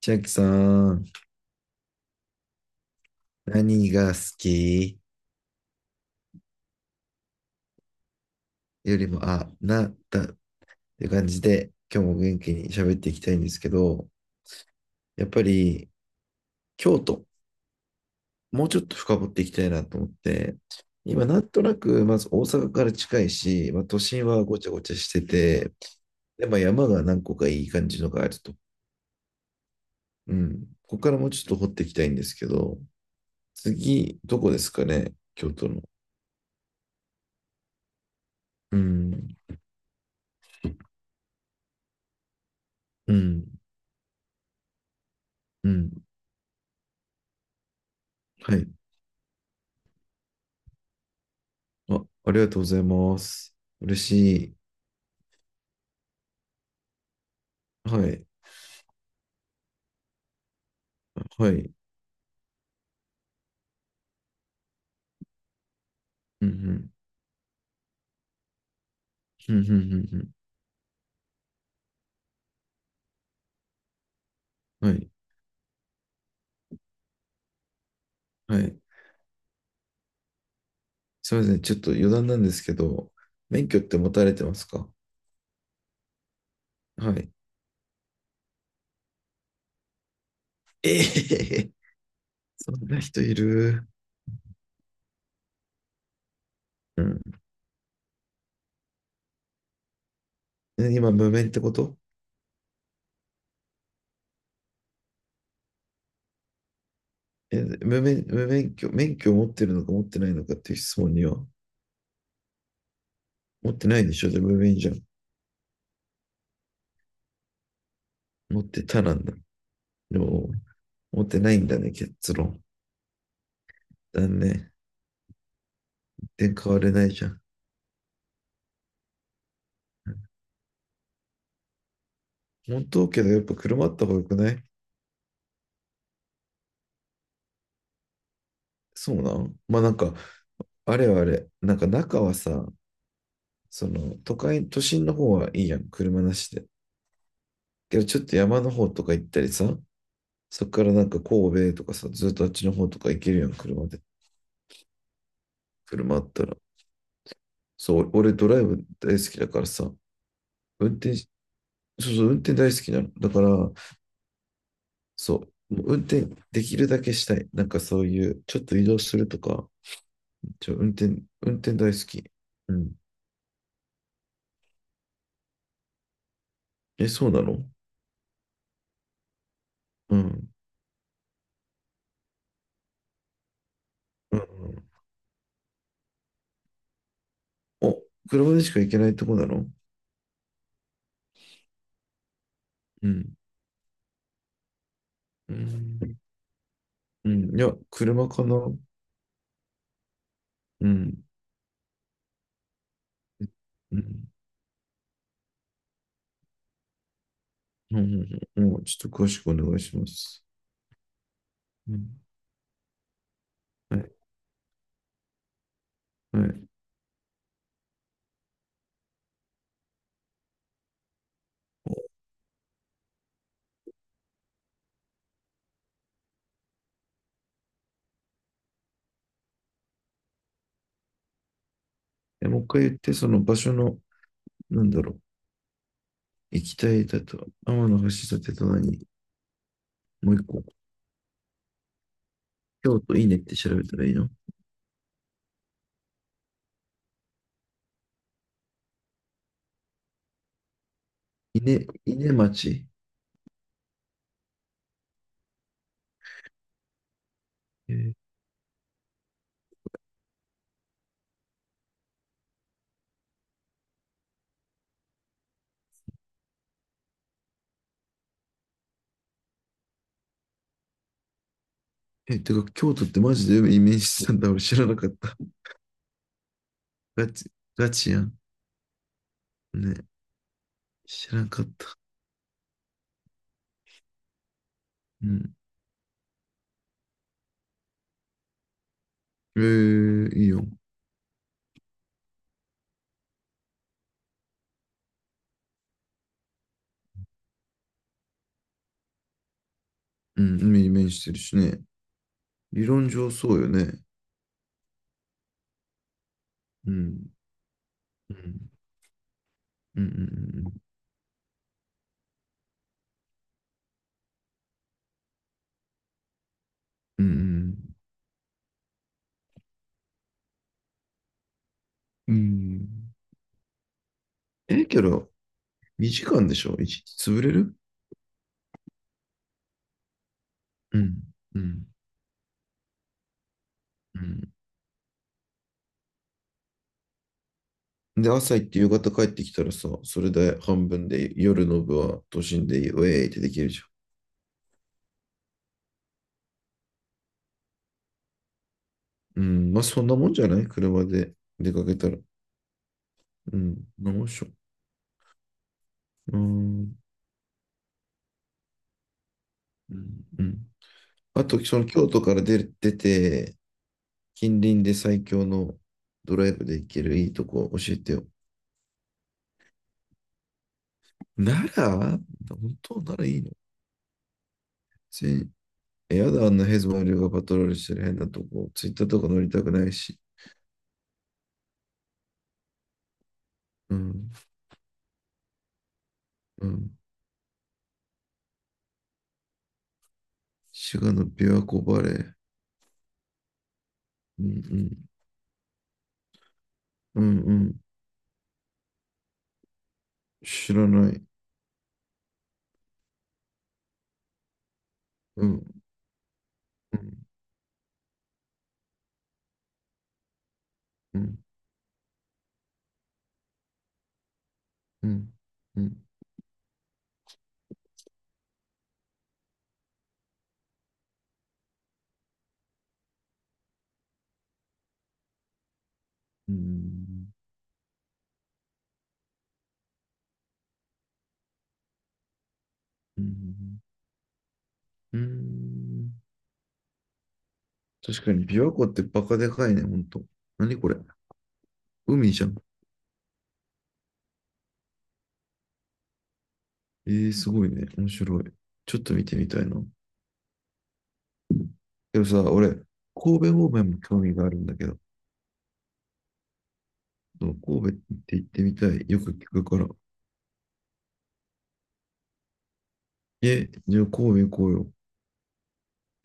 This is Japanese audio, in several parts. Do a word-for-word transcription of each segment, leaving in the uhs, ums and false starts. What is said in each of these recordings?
千秋さん、何が好きよりも、あ、な、だって感じで、今日も元気に喋っていきたいんですけど、やっぱり、京都、もうちょっと深掘っていきたいなと思って、今、なんとなく、まず大阪から近いし、まあ、都心はごちゃごちゃしてて、で、まあ、山が何個かいい感じのがあると。うん。ここからもうちょっと掘っていきたいんですけど、次、どこですかね、京都の。うん、うん、うん。はい。あ、ありがとうございます。嬉しい。はい。はい。うんうん。うんうんうんうん。はい。はい。すみません。ちょっと余談なんですけど、免許って持たれてますか？はい。ええへへ。 そんな人いる。うん。え、今、無免ってこと？え、無免、無免許、免許を持ってるのか持ってないのかっていう質問には、持ってないでしょ。で、じゃあ無免じゃん。持ってたなんだ。でも、持ってないんだね、結論。だね。全然変われないじゃん。本当？けど、やっぱ車あった方が良くない？そうなん？まあなんか、あれはあれ、なんか中はさ、その都会、都心の方はいいやん、車なしで。けどちょっと山の方とか行ったりさ、そっからなんか神戸とかさ、ずっとあっちの方とか行けるやん、車で。車あったら。そう、俺ドライブ大好きだからさ、運転し、そうそう、運転大好きなの。だから、そう、もう運転できるだけしたい。なんかそういう、ちょっと移動するとか、ちょ、運転、運転大好き。うん。え、そうなの？うん。うんうん。お、車でしか行けないとこなの？うん。うん。うん。いや、車かな。うん。うん。うん。うん。もうちょっと詳しくお願いします。うん。はい。はい。え、もう一回言って、その場所の、なんだろう。行きたいだと、天橋立と何？もう一個。京都稲って調べたらいいの？稲、稲町。えー。え、てか、京都ってマジでイメージしてたんだ。俺知らなかった。ガチ、ガチやん。ね。知らなかった。うん。ええ、いいよ。うん、海に面してるしね。理論上そうよね。うん。うん。うん。うん。うん。うん。ええ、けど、にじかんでしょ？ いち 日潰れる？うん。うん。うん。で、朝行って夕方帰ってきたらさ、それで半分で夜の部は都心でウェーイってできるじゃん。うん。まあ、そんなもんじゃない、車で出かけたら。うん。そんなもんっしょ。うん。うん。うん。あと、その京都から出る、出て、近隣で最強のドライブで行けるいいとこ教えてよ。奈良？本当奈良いいの？え、やだ、あんなヘズマリオがパトロールしてる変なとこ。ツイッターとか乗りたくないし。うん、うん。滋賀の琵琶湖バレー。うん、うん、うん、うん。知らない。うん、うん、うん、うん、うん、うん、うん。うん。確かに琵琶湖ってバカでかいね、ほんと。何これ？海じゃん。ええ、すごいね。面白い。ちょっと見てみたいな。でもさ、俺、神戸方面も興味があるんだけど、そう、神戸って行ってみたい。よく聞くから。え、じゃあ神戸行こうよ。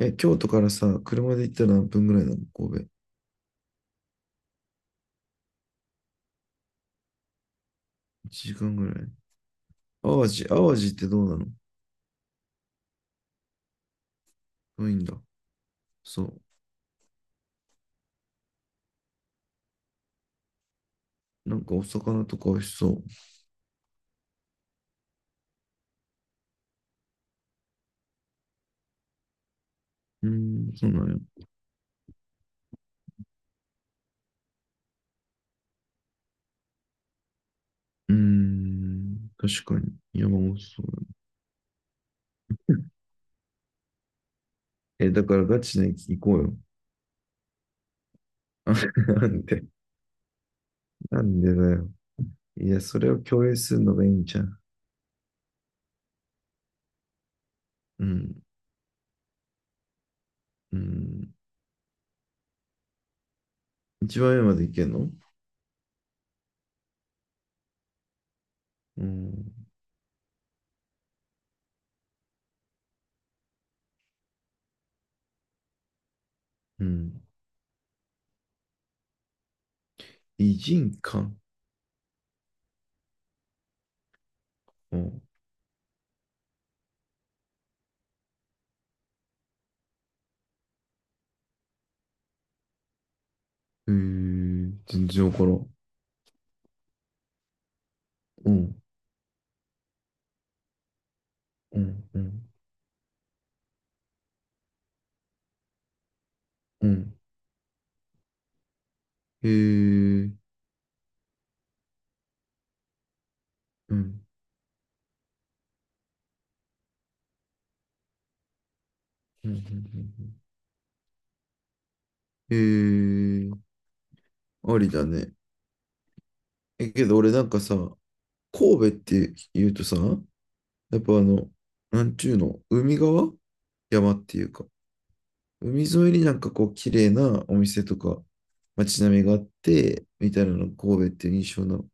え、京都からさ、車で行ったら何分ぐらいなの、神戸。いちじかんぐらい。淡路、淡路ってどうなの？遠いんだ。そう。なんかお魚とか美味しそう。うーん、そうなんや。うーん、確かに。山も美味しそうだ。え、だからガチで行こうよ。なんで、なんでだよ。いや、それを共有するのがいいんじゃん。うん。うん。一番上までいけんの？うん。うん。偉人館。うん。へえ、全然わからん。うん。うん。うん。うん。へえ、うん。うん。うんうんうん。へえ、ありだね。え、けど俺なんかさ、神戸って言うとさ、やっぱあの、なんちゅうの、海側？山っていうか、海沿いになんかこう、綺麗なお店とか、街並みがあって、みたいなのが神戸っていう印象の。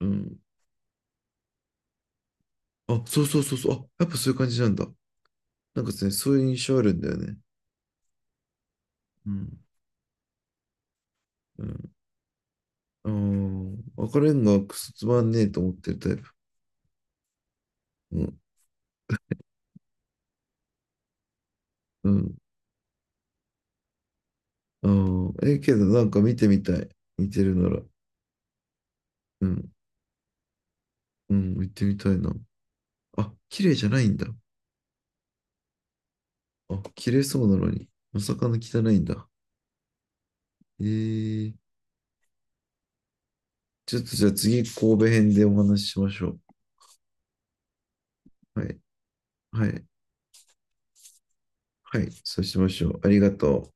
うん。あ、そうそうそうそう。あ、やっぱそういう感じなんだ。なんかですね、そういう印象あるんだよね。うん。うん。ああ、赤レンガがクソつまんねえと思ってるタイプ。うん。うん。ああ、ええ、けどなんか見てみたい。似てるなら。うん。うん。行ってみたいな。あ、綺麗じゃないんだ。あ、綺麗そうなのに。まさかの汚いんだ。ええ。ちょっとじゃあ次、神戸編でお話ししましょう。はい。はい。はい。そうしましょう。ありがとう。